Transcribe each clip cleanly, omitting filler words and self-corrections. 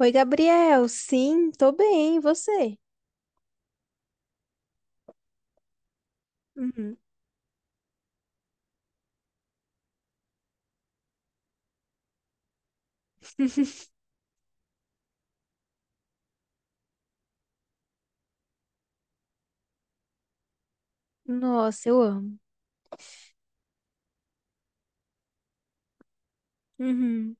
Oi, Gabriel. Sim, tô bem. E você? Uhum. Nossa, eu amo. Uhum.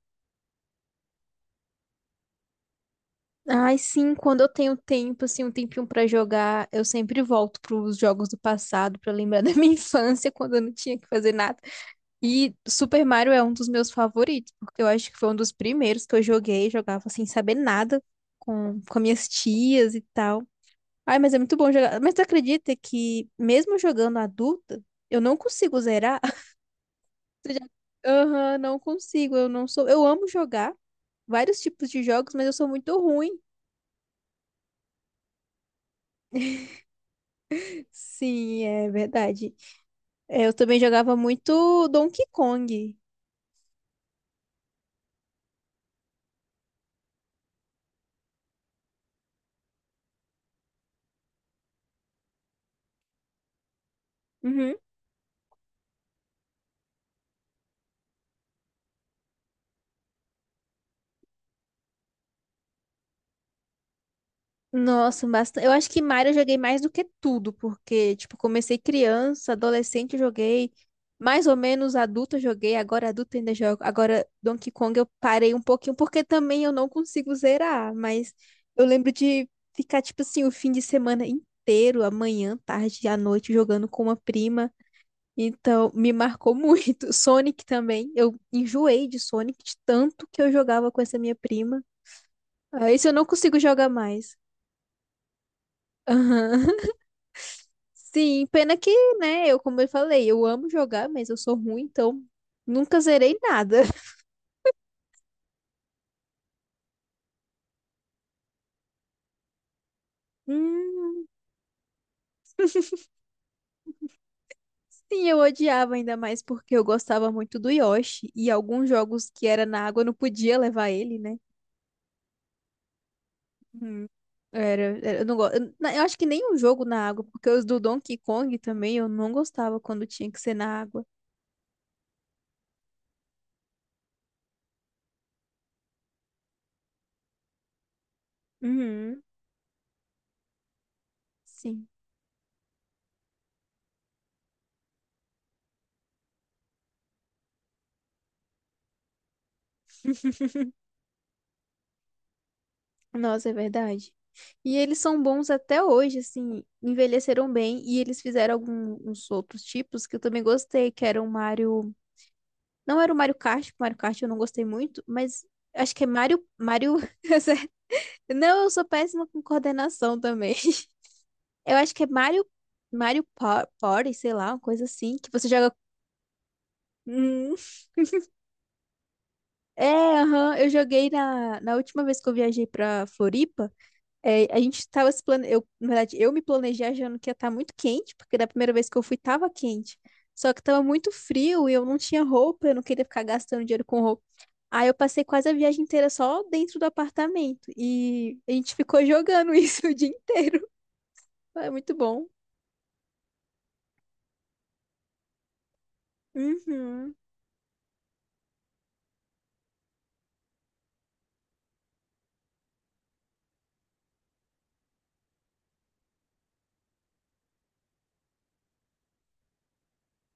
Ai, sim, quando eu tenho tempo, assim, um tempinho pra jogar, eu sempre volto pros jogos do passado pra lembrar da minha infância, quando eu não tinha que fazer nada. E Super Mario é um dos meus favoritos, porque eu acho que foi um dos primeiros que eu joguei, jogava sem saber nada com minhas tias e tal. Ai, mas é muito bom jogar. Mas tu acredita que mesmo jogando adulta, eu não consigo zerar? Você já- Aham, não consigo, eu não sou. Eu amo jogar vários tipos de jogos, mas eu sou muito ruim. Sim, é verdade. É, eu também jogava muito Donkey Kong. Uhum. Nossa, bastante. Eu acho que Mario eu joguei mais do que tudo, porque, tipo, comecei criança, adolescente eu joguei, mais ou menos adulto eu joguei, agora adulto ainda jogo. Agora Donkey Kong eu parei um pouquinho, porque também eu não consigo zerar, mas eu lembro de ficar, tipo assim, o fim de semana inteiro, amanhã, tarde, à noite, jogando com uma prima. Então, me marcou muito. Sonic também, eu enjoei de Sonic, de tanto que eu jogava com essa minha prima. Ah, esse eu não consigo jogar mais. Aham. Sim, pena que, né, eu, como eu falei, eu amo jogar, mas eu sou ruim, então nunca zerei nada. Hum, sim, eu odiava ainda mais porque eu gostava muito do Yoshi e alguns jogos que era na água eu não podia levar ele, né? Hum, eu não gosto. Eu acho que nem um jogo na água, porque os do Donkey Kong também eu não gostava quando tinha que ser na água. Uhum, sim. Nossa, é verdade. E eles são bons até hoje, assim, envelheceram bem e eles fizeram alguns outros tipos que eu também gostei, que era o Mario, não era o Mario Kart, porque o Mario Kart eu não gostei muito, mas acho que é Mario, Mario, não, eu sou péssima com coordenação também. Eu acho que é Mario, Mario Party, sei lá, uma coisa assim, que você joga. Hum, é, aham, eu joguei na última vez que eu viajei pra Floripa. É, a gente tava se plane... eu, na verdade, eu me planejei achando que ia estar muito quente, porque da primeira vez que eu fui tava quente. Só que tava muito frio e eu não tinha roupa, eu não queria ficar gastando dinheiro com roupa. Aí eu passei quase a viagem inteira só dentro do apartamento e a gente ficou jogando isso o dia inteiro. É muito bom. Uhum.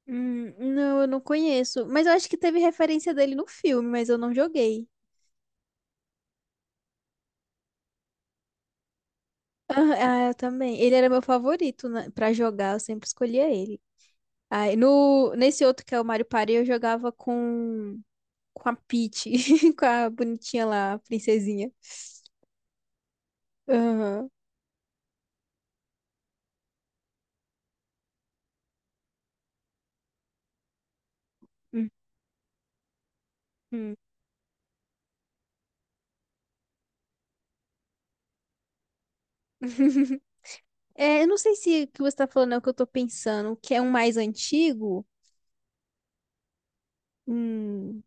Não, eu não conheço. Mas eu acho que teve referência dele no filme, mas eu não joguei. Ah, ah, eu também. Ele era meu favorito, né, pra jogar, eu sempre escolhia ele. Aí, no, nesse outro que é o Mario Party, eu jogava com a Peach, com a bonitinha lá, a princesinha. Aham. Uhum. É, eu não sei se o que você tá falando é o que eu tô pensando, que é um mais antigo. Hum.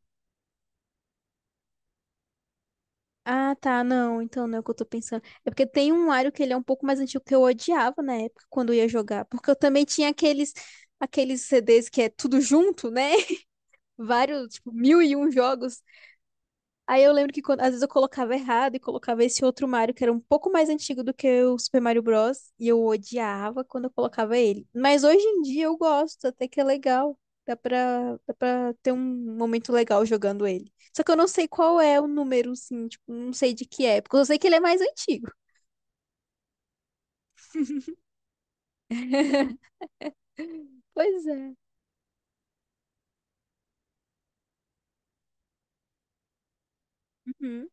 Ah, tá, não, então não é o que eu tô pensando. É porque tem um Mario que ele é um pouco mais antigo que eu odiava na época quando eu ia jogar, porque eu também tinha aqueles CDs que é tudo junto, né? Vários, tipo, mil e um jogos. Aí eu lembro que às vezes eu colocava errado e colocava esse outro Mario que era um pouco mais antigo do que o Super Mario Bros. E eu odiava quando eu colocava ele. Mas hoje em dia eu gosto, até que é legal. Dá pra ter um momento legal jogando ele. Só que eu não sei qual é o número, assim, tipo, não sei de que época. Eu sei que ele é mais antigo. Pois é. Uhum.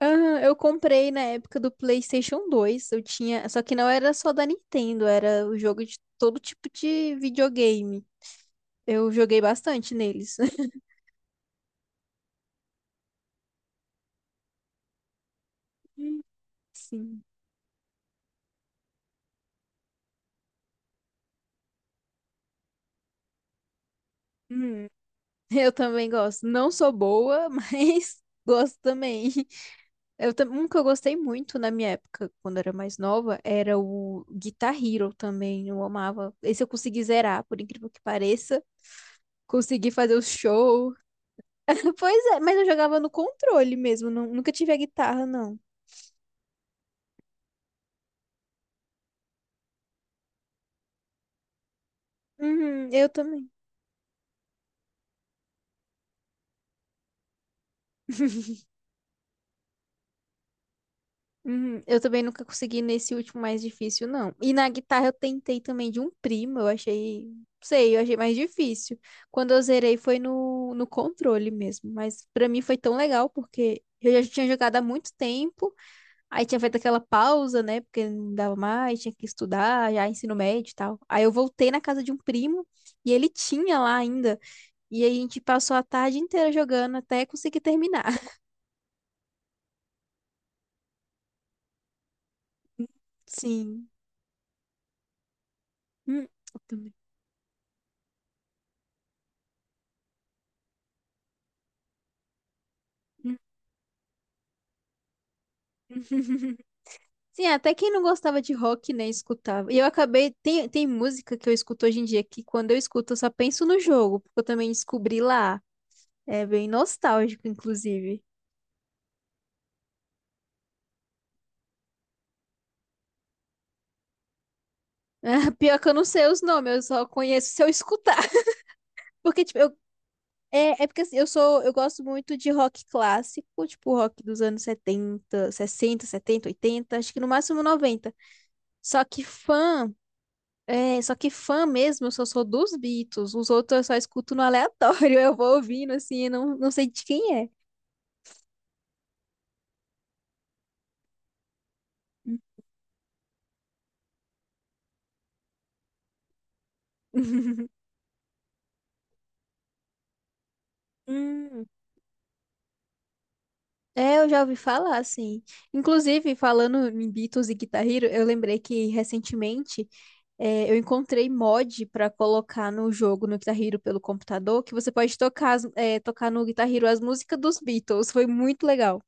Aham, eu comprei na época do PlayStation 2. Eu tinha, só que não era só da Nintendo, era o jogo de todo tipo de videogame. Eu joguei bastante neles. Sim. Hum, eu também gosto. Não sou boa, mas gosto também. Um que eu gostei muito na minha época, quando eu era mais nova, era o Guitar Hero também. Eu amava. Esse eu consegui zerar, por incrível que pareça. Consegui fazer o show. Pois é, mas eu jogava no controle mesmo. Nunca tive a guitarra, não. Uhum, eu também. Uhum, eu também nunca consegui nesse último mais difícil, não. E na guitarra eu tentei também de um primo, eu achei mais difícil. Quando eu zerei foi no controle mesmo, mas pra mim foi tão legal porque eu já tinha jogado há muito tempo, aí tinha feito aquela pausa, né, porque não dava mais, tinha que estudar, já ensino médio e tal. Aí eu voltei na casa de um primo e ele tinha lá ainda, e aí a gente passou a tarde inteira jogando até conseguir terminar. Sim. Hum, eu também. Sim, até quem não gostava de rock, né, escutava. E eu acabei. Tem música que eu escuto hoje em dia que quando eu escuto eu só penso no jogo, porque eu também descobri lá. É bem nostálgico, inclusive. Pior que eu não sei os nomes, eu só conheço se eu escutar. Porque, tipo, eu. É porque assim, eu gosto muito de rock clássico, tipo rock dos anos 70 60 70 80 acho que no máximo 90. Só que fã. É, só que fã mesmo, eu só sou dos Beatles. Os outros eu só escuto no aleatório. Eu vou ouvindo, assim, eu não sei de quem é. Hum, é, eu já ouvi falar, assim. Inclusive, falando em Beatles e Guitar Hero, eu lembrei que recentemente eu encontrei mod pra colocar no jogo, no Guitar Hero pelo computador, que você pode tocar, tocar no Guitar Hero as músicas dos Beatles. Foi muito legal.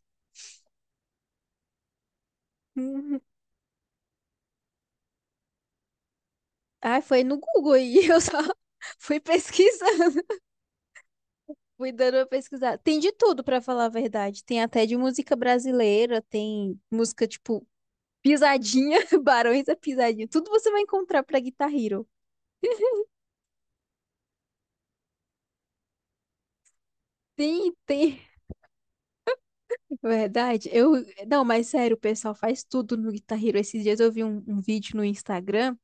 Uhum. Ai, foi no Google aí, eu só fui pesquisando. Fui dando uma pesquisada. Tem de tudo, pra falar a verdade. Tem até de música brasileira, tem música tipo Pisadinha, Barões da Pisadinha. Tudo você vai encontrar pra Guitar Hero. Tem, tem. Verdade. Eu, não, mas sério, o pessoal faz tudo no Guitar Hero. Esses dias eu vi um, vídeo no Instagram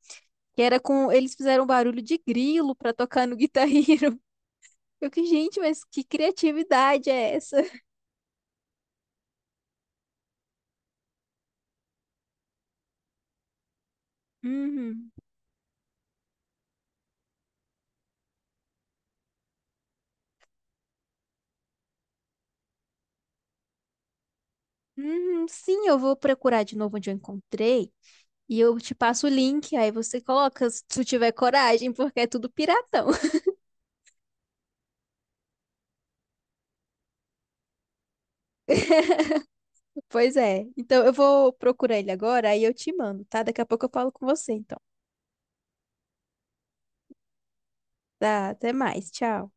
que era com eles fizeram um barulho de grilo pra tocar no Guitar Hero. Eu que, gente, mas que criatividade é essa? Uhum. Uhum, sim, eu vou procurar de novo onde eu encontrei. E eu te passo o link, aí você coloca se tu tiver coragem, porque é tudo piratão. Pois é. Então eu vou procurar ele agora, aí eu te mando, tá? Daqui a pouco eu falo com você, então. Tá, até mais. Tchau.